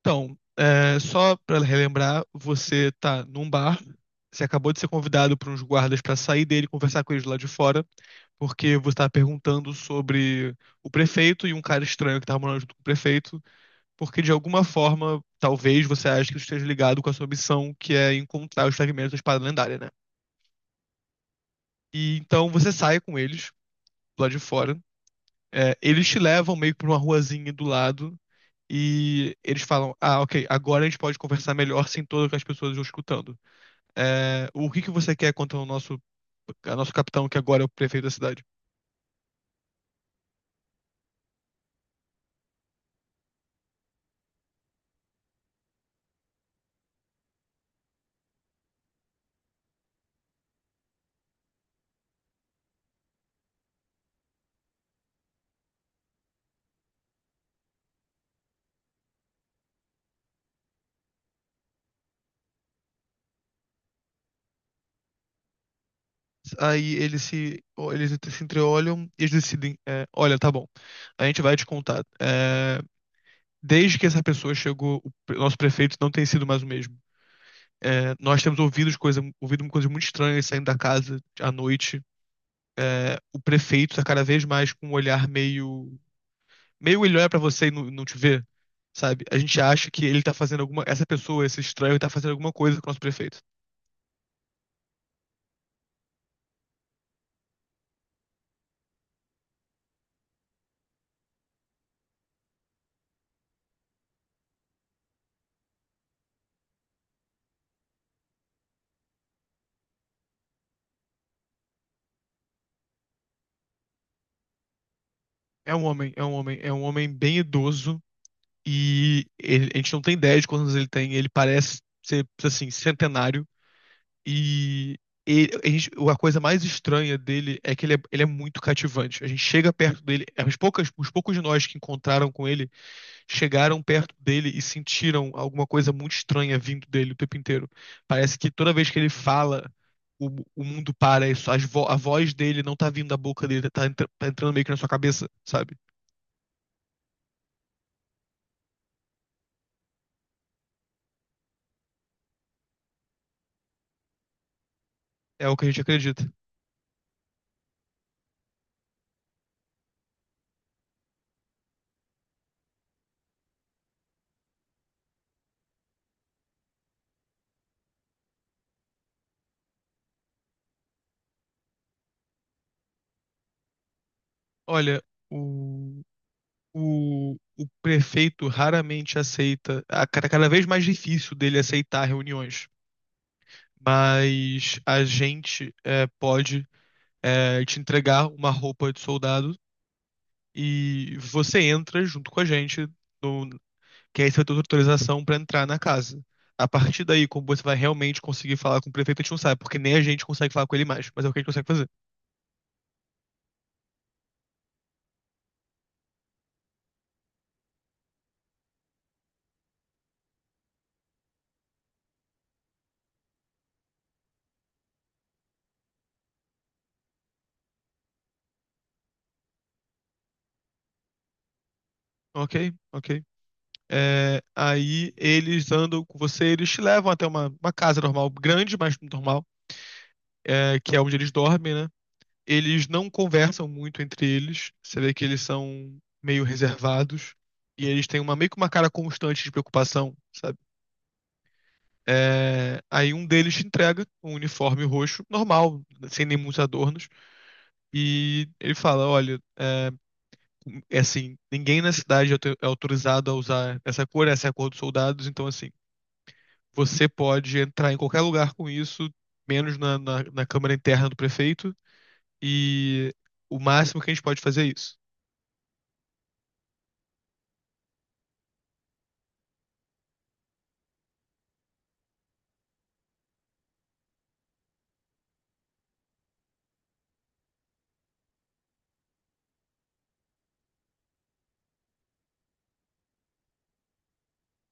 Então, só pra relembrar, você tá num bar, você acabou de ser convidado por uns guardas pra sair dele e conversar com eles lá de fora, porque você tá perguntando sobre o prefeito e um cara estranho que tá morando junto com o prefeito, porque de alguma forma, talvez você ache que isso esteja ligado com a sua missão, que é encontrar os fragmentos da espada lendária, né? E então você sai com eles lá de fora. Eles te levam meio que pra uma ruazinha do lado e eles falam: Ah, ok, agora a gente pode conversar melhor sem todas as pessoas nos escutando. O que que você quer contra a nosso capitão, que agora é o prefeito da cidade? Aí eles se entreolham e eles decidem: é, Olha, tá bom, a gente vai te contar. É, desde que essa pessoa chegou, nosso prefeito não tem sido mais o mesmo. É, nós temos ouvido coisas muito estranhas saindo da casa à noite. O prefeito tá cada vez mais com um olhar meio. Meio ele olha pra você e não te vê, sabe? A gente acha que ele tá fazendo alguma. Essa pessoa, esse estranho, tá fazendo alguma coisa com o nosso prefeito. É um homem bem idoso e a gente não tem ideia de quantos anos ele tem. Ele parece ser, assim, centenário. E a coisa mais estranha dele é que ele é muito cativante. A gente chega perto dele, os poucos de nós que encontraram com ele chegaram perto dele e sentiram alguma coisa muito estranha vindo dele o tempo inteiro. Parece que toda vez que ele fala, o, o mundo para, isso, a voz dele não tá vindo da boca dele, tá, tá entrando meio que na sua cabeça, sabe? É o que a gente acredita. Olha, o prefeito raramente aceita, a cada vez mais difícil dele aceitar reuniões, mas a gente pode te entregar uma roupa de soldado e você entra junto com a gente, no, que aí você vai ter autorização para entrar na casa. A partir daí, como você vai realmente conseguir falar com o prefeito, a gente não sabe, porque nem a gente consegue falar com ele mais, mas é o que a gente consegue fazer. Ok, ok. É, aí eles andam com você, eles te levam até uma casa normal, grande, mas normal, que é onde eles dormem, né? Eles não conversam muito entre eles. Você vê que eles são meio reservados. E eles têm meio que uma cara constante de preocupação, sabe? É, aí um deles te entrega um uniforme roxo, normal, sem nem muitos adornos. E ele fala: Olha, é, é assim, ninguém na cidade é autorizado a usar essa cor, essa é a cor dos soldados, então assim. Você pode entrar em qualquer lugar com isso, menos na câmara interna do prefeito, e o máximo que a gente pode fazer é isso.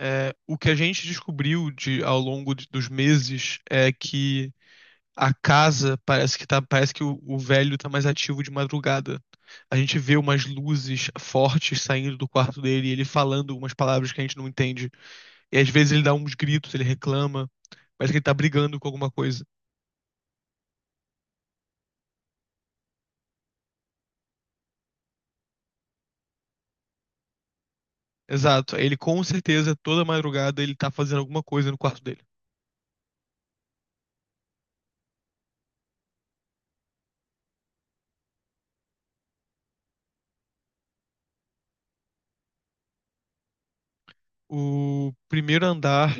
É, o que a gente descobriu ao longo dos meses é que a casa parece que tá, parece que o velho está mais ativo de madrugada. A gente vê umas luzes fortes saindo do quarto dele, e ele falando umas palavras que a gente não entende. E às vezes ele dá uns gritos, ele reclama, parece que ele tá brigando com alguma coisa. Exato. Ele com certeza, toda madrugada, ele tá fazendo alguma coisa no quarto dele. O primeiro andar,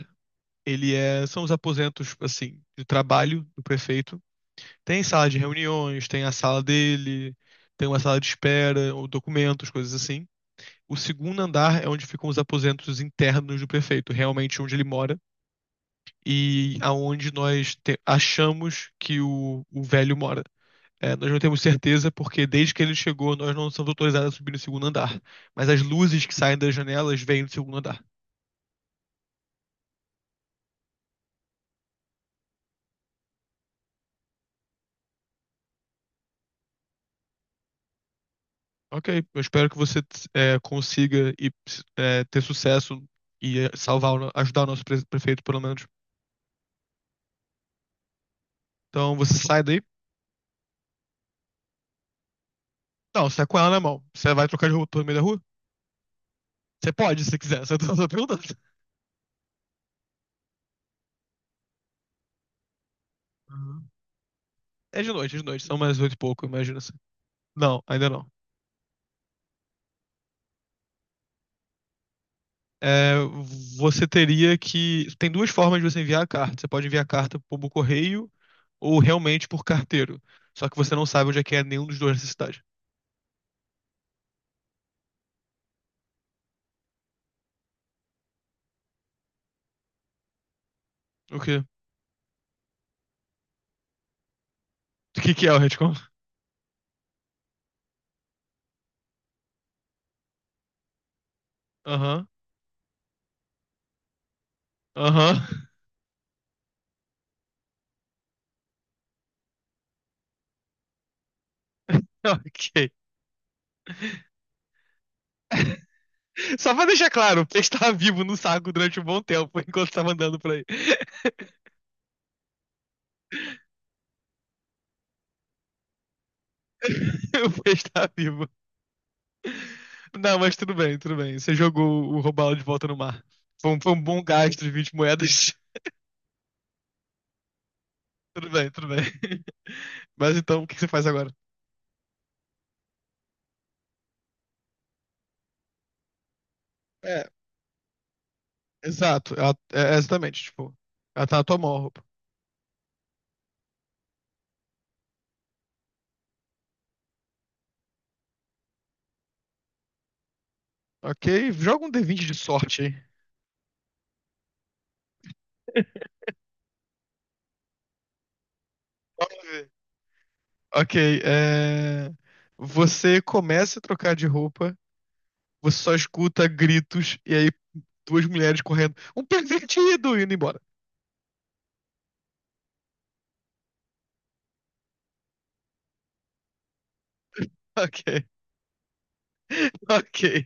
ele é. São os aposentos, assim, de trabalho do prefeito. Tem sala de reuniões, tem a sala dele, tem uma sala de espera, ou documentos, coisas assim. O segundo andar é onde ficam os aposentos internos do prefeito, realmente onde ele mora, e aonde achamos que o velho mora. É, nós não temos certeza porque desde que ele chegou nós não somos autorizados a subir no segundo andar. Mas as luzes que saem das janelas vêm do segundo andar. Ok, eu espero que você consiga ter sucesso e salvar, o no- ajudar o nosso prefeito pelo menos. Então você sai daí? Não, você tá com ela na mão. Você vai trocar de roupa pelo meio da rua? Você pode, se quiser. Você tá só perguntando. Uhum. É de noite, é de noite. São mais oito e pouco, imagina assim. Não, ainda não. é, Você teria que. Tem duas formas de você enviar a carta. Você pode enviar a carta por correio ou realmente por carteiro. Só que você não sabe onde é que é nenhum dos dois nessa cidade. O quê? O que que é o retcon? Aham, aham. Ok. Só pra deixar claro, o peixe tava vivo no saco durante um bom tempo, enquanto tava andando por aí. O peixe tava vivo. Não, mas tudo bem, tudo bem. Você jogou o robalo de volta no mar. Foi foi um bom gasto de 20 moedas. Tudo bem, tudo bem. Mas então, o que que você faz agora? É, exato. É, é exatamente, tipo, ela tá na tua mão, a roupa. Ok, joga um D20 de sorte aí. Vamos ver. Ok, é... Você começa a trocar de roupa, você só escuta gritos e aí duas mulheres correndo. Um pervertido! Indo embora. Ok, ok.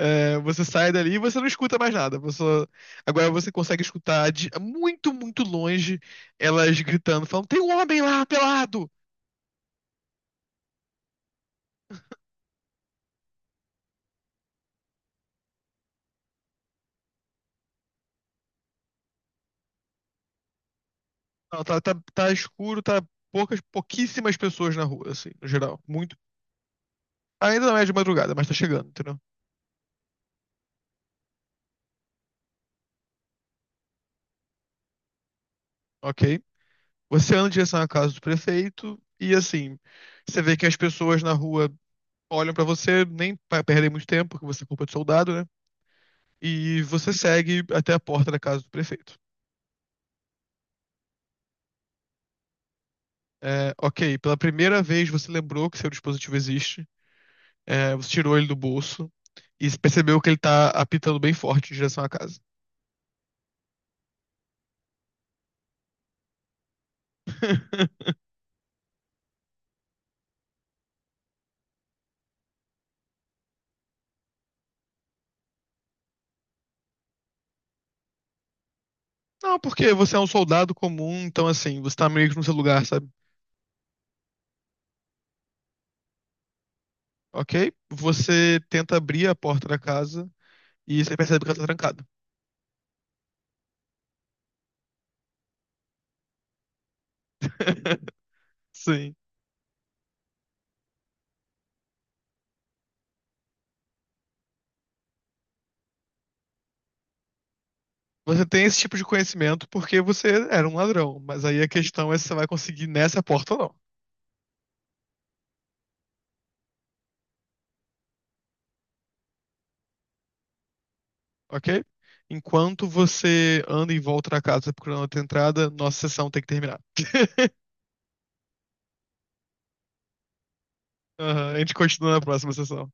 É, você sai dali e você não escuta mais nada. Você... Agora você consegue escutar de muito, muito longe elas gritando, falando: tem um homem lá pelado! Não, tá escuro, tá poucas, pouquíssimas pessoas na rua, assim, no geral. Muito. Ainda não é de madrugada, mas tá chegando, entendeu? Ok. Você anda em direção à casa do prefeito e, assim, você vê que as pessoas na rua olham pra você, nem pra perder muito tempo, porque você é culpa de soldado, né? E você segue até a porta da casa do prefeito. É, ok, pela primeira vez você lembrou que seu dispositivo existe, você tirou ele do bolso e percebeu que ele tá apitando bem forte em direção à casa. Não, porque você é um soldado comum, então assim, você tá meio que no seu lugar, sabe? Ok? Você tenta abrir a porta da casa e você percebe que ela tá trancada. Sim. Você tem esse tipo de conhecimento porque você era um ladrão, mas aí a questão é se você vai conseguir nessa porta ou não. Ok? Enquanto você anda em volta da casa procurando outra entrada, nossa sessão tem que terminar. Aham, a gente continua na próxima sessão.